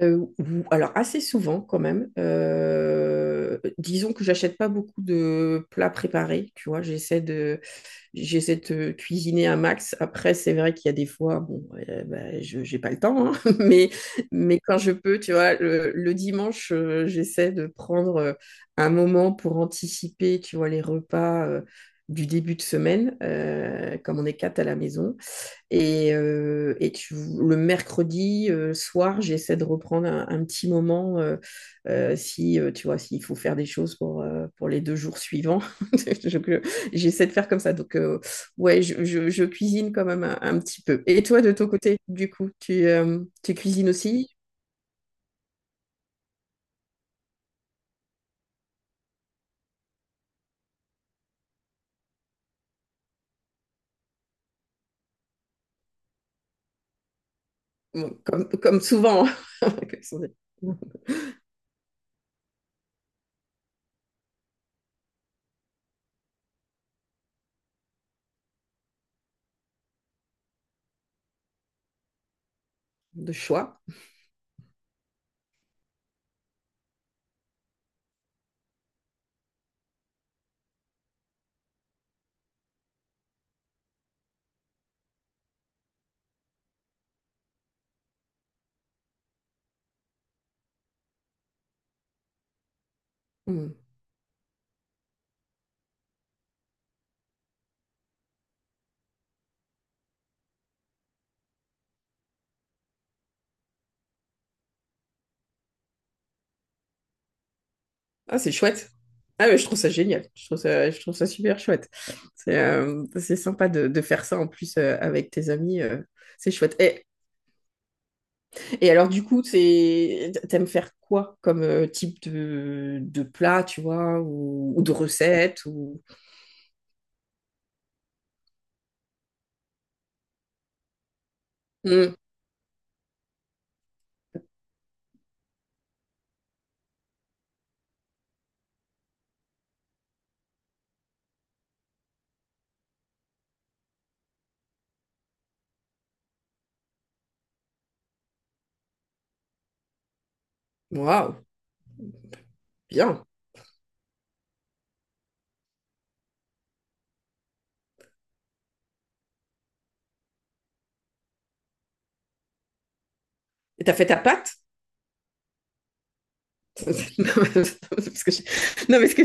Alors assez souvent quand même. Disons que j'achète pas beaucoup de plats préparés, tu vois. J'essaie de cuisiner un max. Après, c'est vrai qu'il y a des fois, bon, j'ai pas le temps, hein. mais, mais quand je peux, tu vois, le dimanche, j'essaie de prendre un moment pour anticiper, tu vois, les repas, du début de semaine, comme on est quatre à la maison. Le mercredi, soir, j'essaie de reprendre un petit moment, si tu vois, s'il faut faire des choses pour les 2 jours suivants. Je- je- J'essaie de faire comme ça. Donc ouais, je cuisine quand même un petit peu. Et toi, de ton côté, du coup, tu cuisines aussi? Bon, comme souvent. De choix. Hmm. Ah, c'est chouette. Ah, mais je trouve ça génial. Je trouve ça super chouette. C'est sympa de faire ça en plus, avec tes amis. C'est chouette. Et alors, du coup, t'aimes faire quoi comme type de plat, tu vois, ou de recette ou... Hmm. Waouh, bien. Et t'as fait ta pâte? Non, parce que je- non, mais, ce que...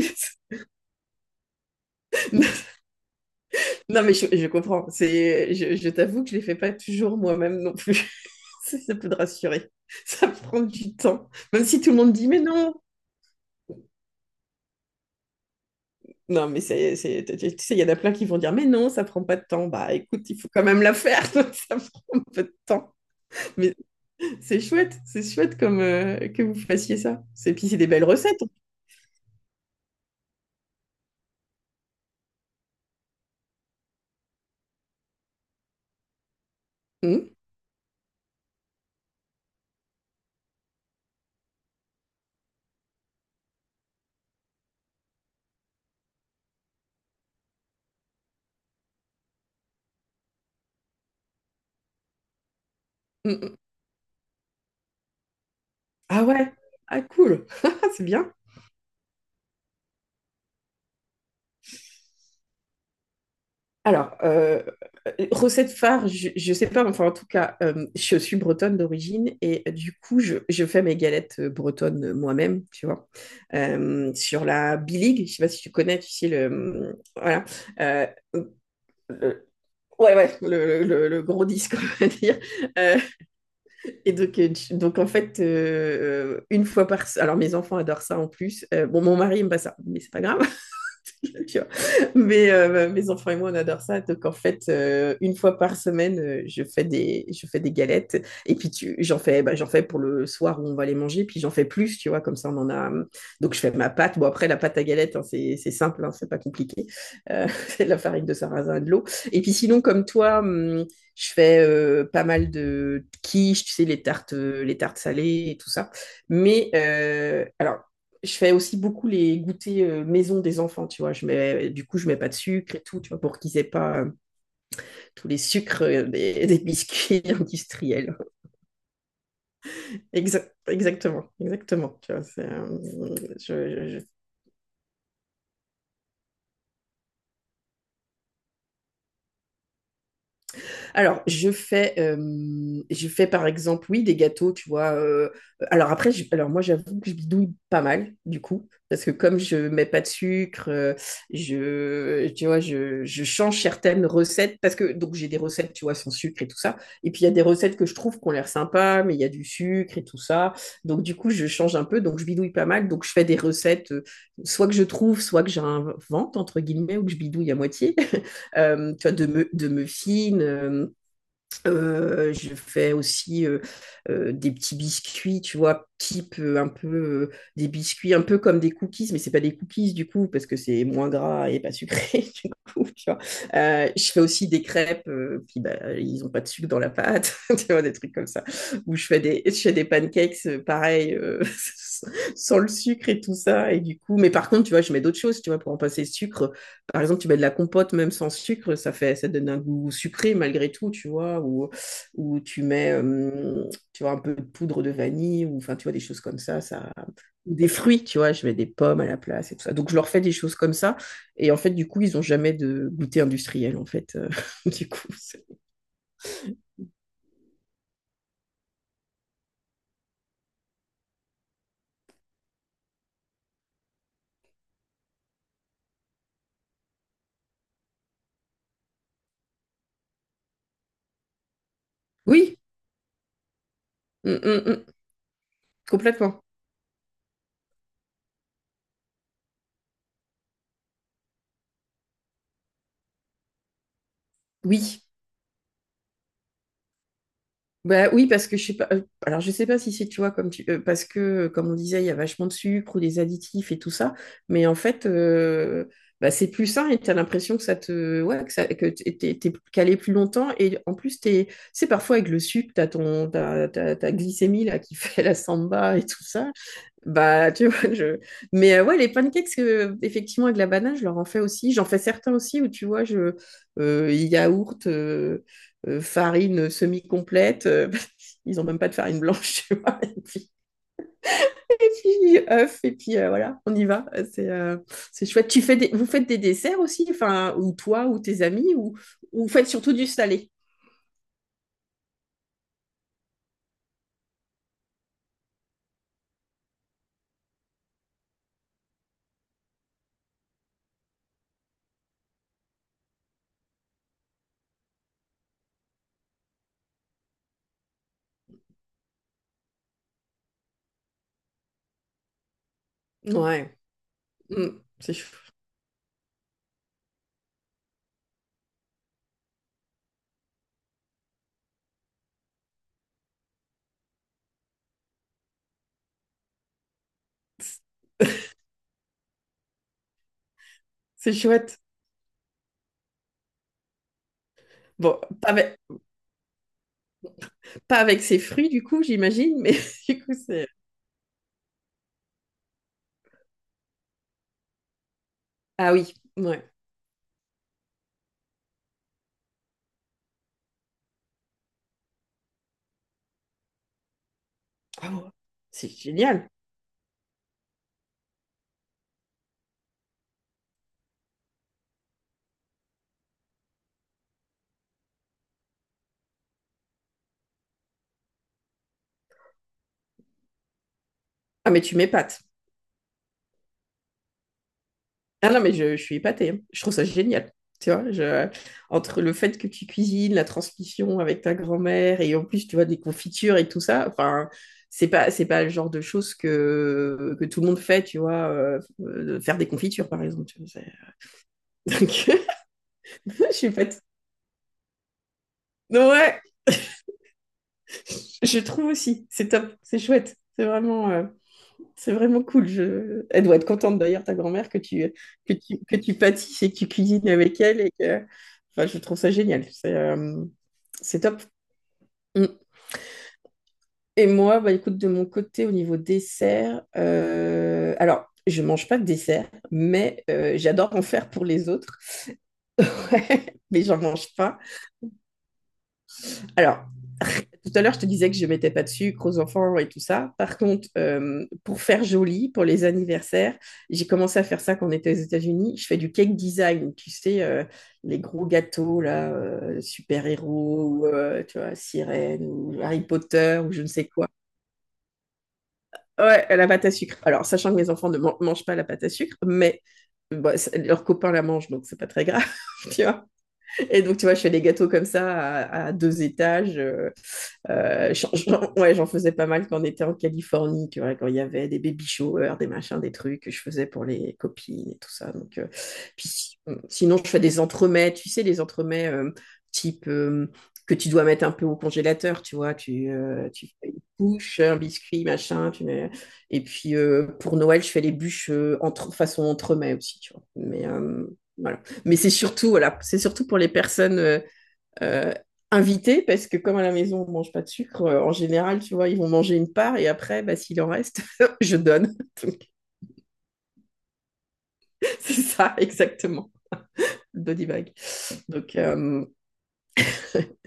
Non, mais je comprends. Je t'avoue que je ne les fais pas toujours moi-même non plus. Ça peut te rassurer. Ça prend du temps. Même si tout le monde dit, mais non. Non, mais tu sais, il y en a plein qui vont dire, mais non, ça prend pas de temps. Bah écoute, il faut quand même la faire. Donc ça prend un peu de temps. Mais c'est chouette. C'est chouette comme, que vous fassiez ça. Et puis, c'est des belles recettes. Hum, hum, hum. Ah ouais. Ah cool. C'est bien. Alors, recette phare, je sais pas, enfin, en tout cas, je suis bretonne d'origine, et du coup, je fais mes galettes, bretonnes, moi-même, tu vois. Sur la biligue, je ne sais pas si tu connais, tu sais, le, voilà. Euh, le- ouais, ouais, le gros disque, on va dire. Euh, et donc, donc en fait, une fois par, alors mes enfants adorent ça en plus. Bon, mon mari aime pas ça, mais c'est pas grave. Tu vois. Mais mes enfants et moi, on adore ça. Donc, en fait, une fois par semaine, je fais des galettes. Et puis, j'en fais, j'en fais pour le soir où on va les manger. Puis, j'en fais plus, tu vois, comme ça, on en a. Donc, je fais ma pâte. Bon, après, la pâte à galette, hein, c'est simple, hein, c'est pas compliqué. C'est de la farine de sarrasin et de l'eau. Et puis, sinon, comme toi, je fais pas mal de quiches, tu sais, les tartes salées et tout ça. Mais alors, je fais aussi beaucoup les goûters, maison des enfants, tu vois. Du coup, je mets pas de sucre et tout, tu vois, pour qu'ils aient pas tous les sucres, des biscuits industriels. Exactement. Tu vois. Alors, je fais par exemple, oui, des gâteaux, tu vois. Alors moi, j'avoue que je bidouille pas mal, du coup, parce que comme je mets pas de sucre, tu vois, je change certaines recettes, parce que donc j'ai des recettes, tu vois, sans sucre et tout ça. Et puis il y a des recettes que je trouve qu'on ont l'air sympa, mais il y a du sucre et tout ça. Donc du coup, je change un peu, donc je bidouille pas mal. Donc je fais des recettes, soit que je trouve, soit que j'invente entre guillemets, ou que je bidouille à moitié. Tu vois, de me fine. Je fais aussi, des petits biscuits, tu vois, type, un peu, des biscuits un peu comme des cookies, mais c'est pas des cookies du coup parce que c'est moins gras et pas sucré du coup, tu vois. Je fais aussi des crêpes, puis bah, ils ont pas de sucre dans la pâte, tu vois, des trucs comme ça. Ou je fais des pancakes, pareil, sans le sucre et tout ça. Et du coup, mais par contre, tu vois, je mets d'autres choses, tu vois, pour en passer le sucre. Par exemple, tu mets de la compote même sans sucre, ça donne un goût sucré malgré tout, tu vois, ou tu mets, tu vois, un peu de poudre de vanille, ou enfin, tu vois, des choses comme ça, ou des fruits, tu vois, je mets des pommes à la place et tout ça. Donc, je leur fais des choses comme ça, et en fait, du coup, ils n'ont jamais de goûter industriel, en fait. Du coup. c'est- Oui. Mm, mm, mm, complètement, oui. Bah oui, parce que je sais pas. Alors je sais pas si c'est, tu vois, comme tu parce que, comme on disait, il y a vachement de sucre ou des additifs et tout ça, mais en fait, bah, c'est plus sain et t'as l'impression que ça te, ouais, que ça que t'es calé plus longtemps et en plus t'es, c'est parfois avec le sucre t'as ton t'as, t'as- ta glycémie là qui fait la samba et tout ça. Bah, tu vois, je... Mais ouais, les pancakes, effectivement, avec la banane, je leur en fais aussi. J'en fais certains aussi où, tu vois, je... Yaourt, farine semi-complète. Ils ont même pas de farine blanche, tu vois. Et puis œufs, et puis voilà, on y va. C'est euh, c'est chouette. Vous faites des desserts aussi, enfin, ou toi, ou tes amis, ou vous faites surtout du salé? Ouais. Mm. C'est chou- c'est chouette. Bon, pas avec ses fruits, du coup, j'imagine, mais du coup, c'est... Ah oui, ouais. Ah ouais, c'est génial. Ah, mais tu m'épates. Ah non, mais je suis épatée, hein. Je trouve ça génial. Tu vois, je... Entre le fait que tu cuisines, la transmission avec ta grand-mère, et en plus, tu vois, des confitures et tout ça. Enfin, c'est pas le genre de choses que tout le monde fait, tu vois, faire des confitures, par exemple. Tu vois, c'est... Donc, je suis pas... Ouais, je trouve aussi, c'est top, c'est chouette, c'est vraiment cool. Je... Elle doit être contente d'ailleurs, ta grand-mère, que tu pâtisses et que tu cuisines avec elle. Et que... enfin, je trouve ça génial, c'est top. Mm. Et moi, bah, écoute, de mon côté, au niveau dessert, alors, je mange pas de dessert, mais j'adore en faire pour les autres. Ouais, mais j'en mange pas. Alors, tout à l'heure, je te disais que je ne mettais pas de sucre aux enfants et tout ça. Par contre, pour faire joli, pour les anniversaires, j'ai commencé à faire ça quand on était aux États-Unis. Je fais du cake design, tu sais, les gros gâteaux, là, super-héros, ou, tu vois, sirène, ou Harry Potter, ou je ne sais quoi. Ouais, la pâte à sucre. Alors, sachant que mes enfants ne mangent pas la pâte à sucre, mais leurs copains la mangent, donc c'est pas très grave, tu vois. Et donc, tu vois, je fais des gâteaux comme ça à deux étages. Ouais, j'en faisais pas mal quand on était en Californie, tu vois, quand il y avait des baby showers, des machins, des trucs que je faisais pour les copines et tout ça. Donc, puis si- sinon, je fais des entremets, tu sais, les entremets, type, que tu dois mettre un peu au congélateur, tu vois, tu fais une couche, un biscuit, machin, tu mets... Et puis pour Noël, je fais les bûches, entre... façon entremets aussi, tu vois. Voilà. Mais c'est surtout, voilà, c'est surtout pour les personnes. Euh, Invité, parce que comme à la maison, on mange pas de sucre, en général, tu vois, ils vont manger une part et après, bah, s'il en reste, je donne. Donc, c'est ça, exactement, le body bag. Donc, euh,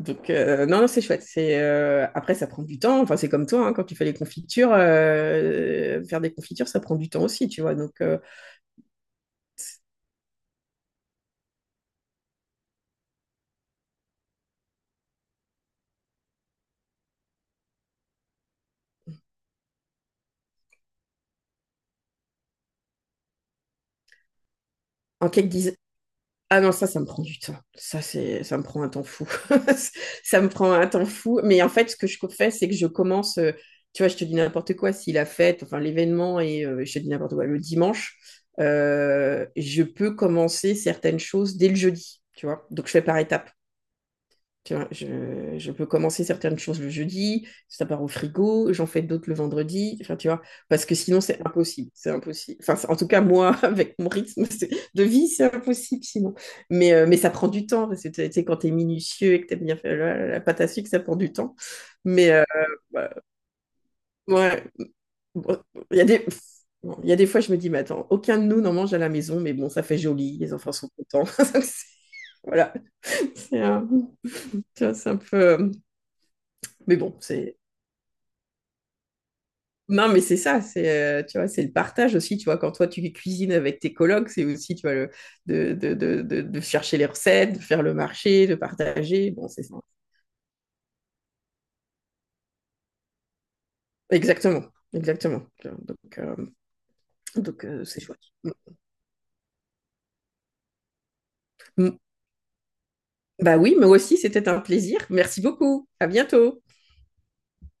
donc non, non, c'est chouette. Après, ça prend du temps. Enfin, c'est comme toi, hein, quand tu fais les confitures, faire des confitures, ça prend du temps aussi, tu vois. En cake design, ah non, ça me prend du temps. Ça me prend un temps fou. Ça me prend un temps fou. Mais en fait, ce que je fais, c'est que je commence, tu vois, je te dis n'importe quoi, si la fête, enfin l'événement, et je te dis n'importe quoi, le dimanche, je peux commencer certaines choses dès le jeudi, tu vois. Donc, je fais par étapes. Tu vois, je peux commencer certaines choses le jeudi, ça part au frigo, j'en fais d'autres le vendredi, enfin, tu vois, parce que sinon c'est impossible, c'est impossible. Enfin, en tout cas, moi, avec mon rythme de vie, c'est impossible sinon. Mais ça prend du temps, parce que tu sais, quand t'es minutieux et que tu bien faire la pâte à sucre, ça prend du temps. Mais bah, ouais, bon, il y a des... bon, il y a des fois, je me dis, mais attends, aucun de nous n'en mange à la maison, mais bon, ça fait joli, les enfants sont contents. Voilà, c'est un, tu vois, c'est un peu... Mais bon, c'est... Non, mais c'est ça, c'est tu vois, c'est le partage aussi, tu vois, quand toi tu cuisines avec tes colocs, c'est aussi, tu vois, le, de chercher les recettes, de faire le marché, de partager, bon, c'est ça. Exactement, exactement. Donc c'est chouette. Mm. Bah oui, moi aussi, c'était un plaisir. Merci beaucoup. À bientôt.